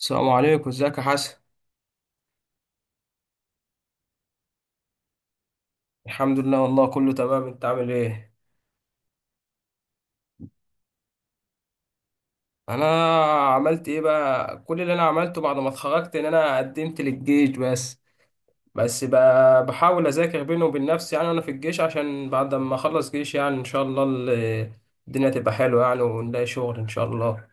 السلام عليكم، ازيك يا حسن. الحمد لله والله كله تمام. انت عامل ايه؟ انا عملت ايه بقى، كل اللي انا عملته بعد ما اتخرجت ان انا قدمت للجيش. بس بقى بحاول اذاكر بيني وبين نفسي، يعني انا في الجيش، عشان بعد ما اخلص جيش يعني ان شاء الله الدنيا تبقى حلوه يعني، ونلاقي شغل ان شاء الله.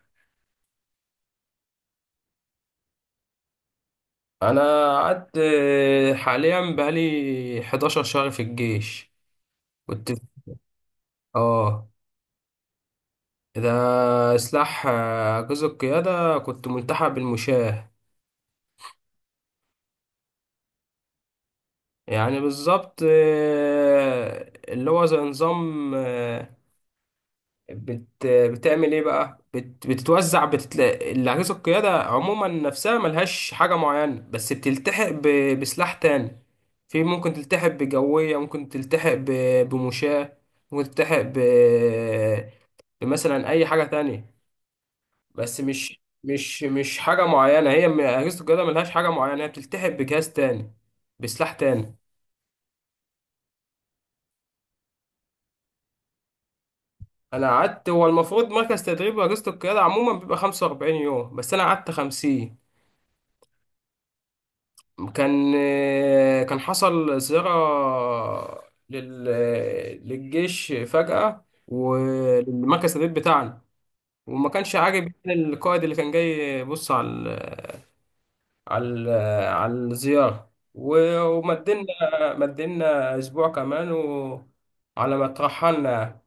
انا قعدت، حاليا بقالي 11 شهر في الجيش. كنت اه. ده سلاح، جزء القيادة، كنت ملتحق بالمشاة. يعني بالظبط، اللي هو زي نظام، بتعمل ايه بقى؟ بتتوزع بتتلاقي الأجهزة، القيادة عموما نفسها ملهاش حاجة معينة، بس بتلتحق بسلاح تاني. في ممكن تلتحق بجوية، ممكن تلتحق بمشاة، ممكن تلتحق بمثلا أي حاجة تانية. بس مش حاجة معينة، هي أجهزة القيادة ملهاش حاجة معينة، هي بتلتحق بجهاز تاني، بسلاح تاني. انا قعدت، هو المفروض مركز تدريب رئاسة القيادة عموما بيبقى 45 يوم، بس انا قعدت 50. كان كان حصل زيارة لل... للجيش فجأة وللمركز التدريب بتاعنا، وما كانش عاجب يعني القائد اللي كان جاي يبص على على ال... على الزيارة، ومدلنا، اسبوع كمان، على ما اترحلنا يعني.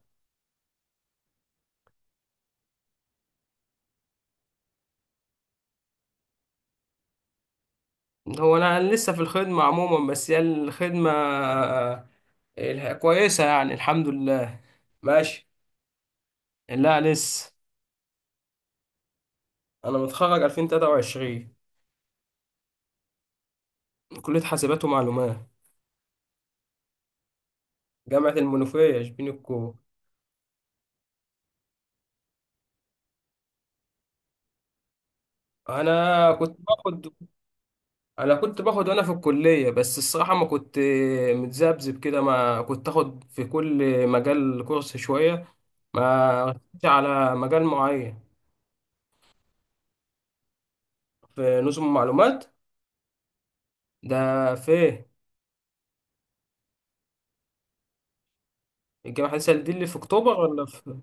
هو انا لسه في الخدمة عموما، بس هي الخدمة كويسة يعني، الحمد لله. ماشي. لا، لسه. انا متخرج 2023، من كلية حاسبات ومعلومات، جامعة المنوفية، شبين الكو. انا كنت باخد انا كنت باخد وانا في الكلية، بس الصراحة ما كنت، متذبذب كده، ما كنت اخد في كل مجال كورس شوية، ما ركزتش على مجال معين. في نظم معلومات. ده فين؟ الجامعة الحديثة دي اللي في أكتوبر، ولا في؟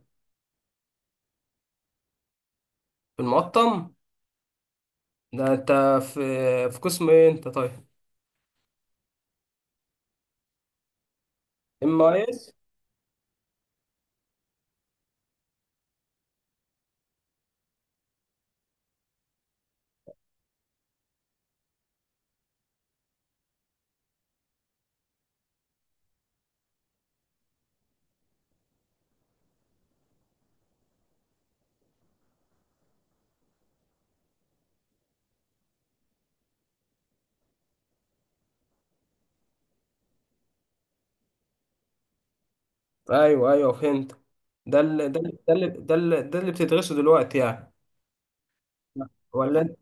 في المقطم؟ ده أنت في قسم إيه أنت طيب؟ إم أي إس؟ أيوه أيوه فهمت. ده اللي بتدرسه دلوقتي يعني؟ ولا أنت-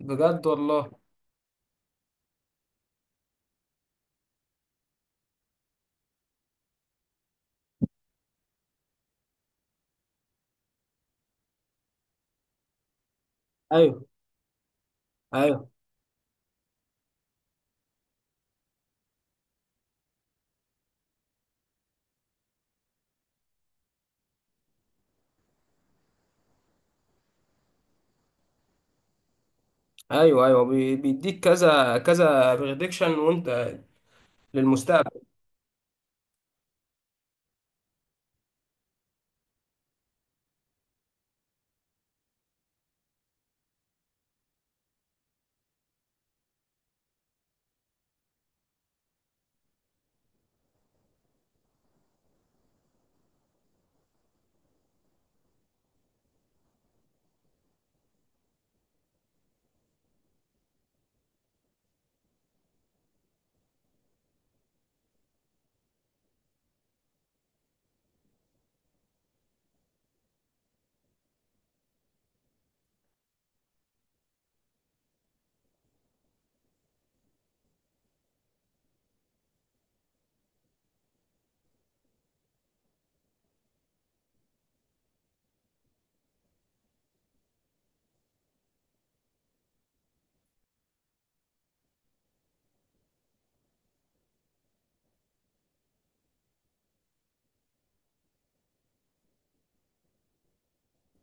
بجد والله. أيوه أيوه، أيوه أيوه بيديك كذا كذا بريدكشن وأنت للمستقبل.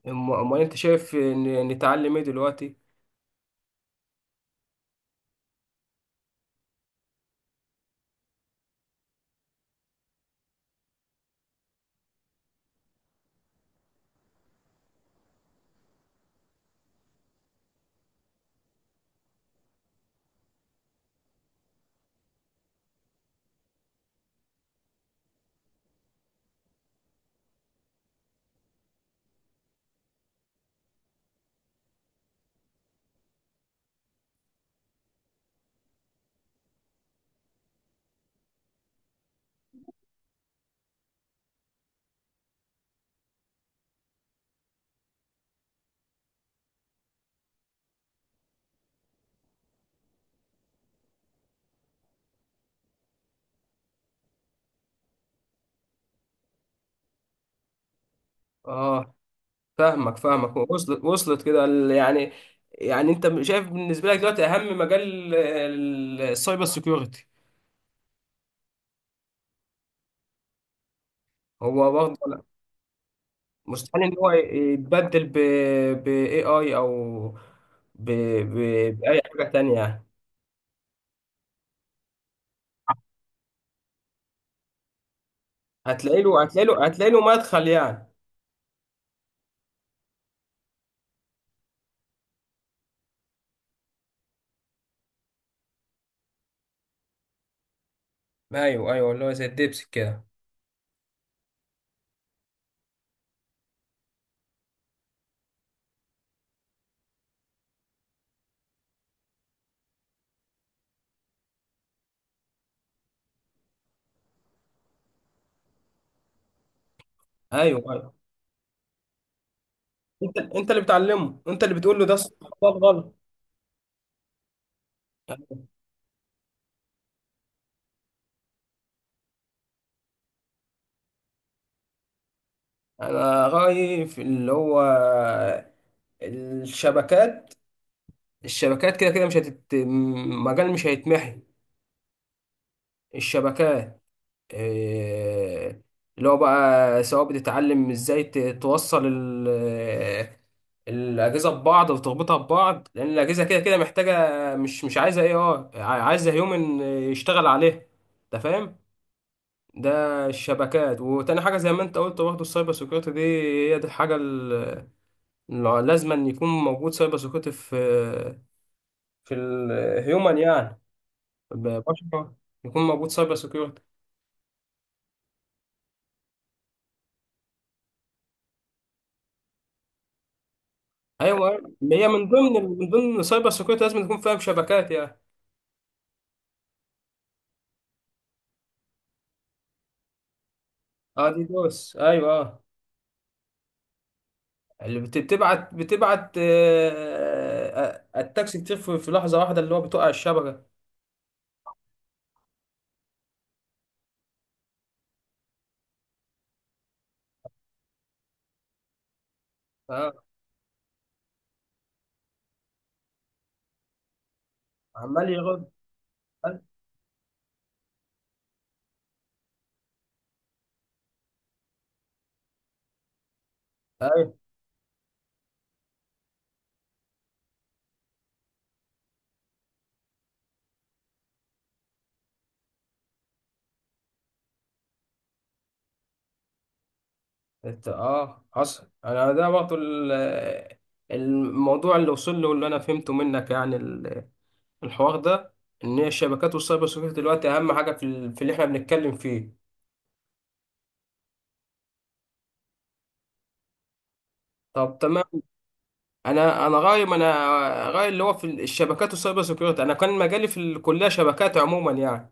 أمال أنت شايف نتعلم إيه دلوقتي؟ آه. فاهمك فاهمك، وصلت وصلت كده يعني، يعني انت شايف بالنسبه لك دلوقتي اهم مجال السايبر سيكيورتي. هو برضه لا، مستحيل ان هو يتبدل ب اي اي، او ب ب باي حاجه تانية يعني. هتلاقي له مدخل يعني. ايوه ايوه، اللي هو زي الدبس كده. ايوه ايوه، انت اللي بتعلمه، انت اللي بتقول له ده الصح، ده الغلط. انا رايي في اللي هو الشبكات الشبكات كده كده مش مجال مش هيتمحي. الشبكات، آه، اللي هو بقى سواء بتتعلم ازاي توصل الأجهزة ببعض وتربطها ببعض، لأن الأجهزة كده كده محتاجة، مش عايزة اي، عايزة هيومن يشتغل عليها، أنت فاهم؟ ده الشبكات، وتاني حاجة زي ما أنت قلت برضه، السايبر سيكيورتي دي هي دي الحاجة اللي لازم أن يكون موجود سايبر سيكيورتي في الهيومن يعني، ببشرة، يكون موجود سايبر سكيورتي. ايوه أيوة. هي من ضمن، من ضمن سايبر سكيورتي لازم تكون فاهم شبكات يعني. اه، دي دوس، ايوه، اه. اللي بتبعت التاكسي كتير في لحظه واحده، اللي هو بتقع الشبكه. اه، عمال يرد. ايوه. حصل. انا ده برضه الموضوع اللي وصل له واللي انا فهمته منك يعني الحوار ده، ان هي الشبكات والسايبر سكيورتي دلوقتي اهم حاجه في في اللي احنا بنتكلم فيه. طب تمام. انا انا غاية ما انا غاية، اللي هو في الشبكات والسايبر سيكيورتي، انا كان مجالي في الكليه شبكات عموما يعني.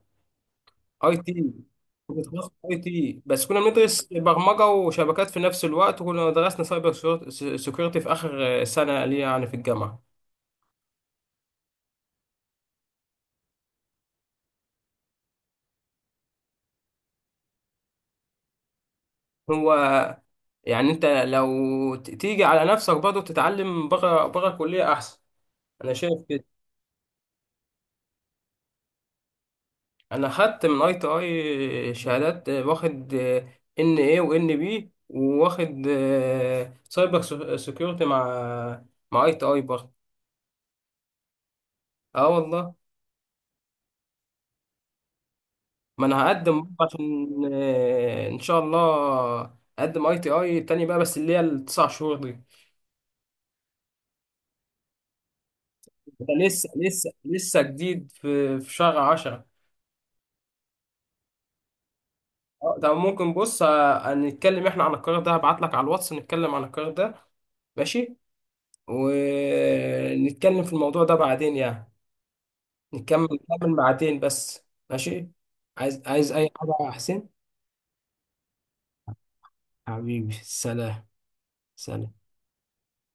اي تي. كنت في تخصص اي تي، بس كنا بندرس برمجه وشبكات في نفس الوقت، وكنا درسنا سايبر سيكيورتي في اخر سنه ليا يعني في الجامعه. هو يعني انت لو تيجي على نفسك، برضه تتعلم بره بره الكليه احسن، انا شايف. انا خدت من اي تي اي شهادات، واخد، ان اي وان بي، وواخد، سايبر سيكيورتي مع اي تي اي برضه. اه والله. ما انا هقدم برضه عشان، ان شاء الله اقدم اي تي اي تاني بقى، بس اللي هي ال 9 شهور دي. ده لسه جديد، في شهر 10. اه، ده ممكن، بص، نتكلم احنا عن القرار ده، هبعت لك على الواتس نتكلم عن القرار ده. ماشي. ونتكلم في الموضوع ده بعدين يعني، نكمل ساعتين بس. ماشي. عايز أي حاجة يا حسين؟ حبيبي، سلام. سلام.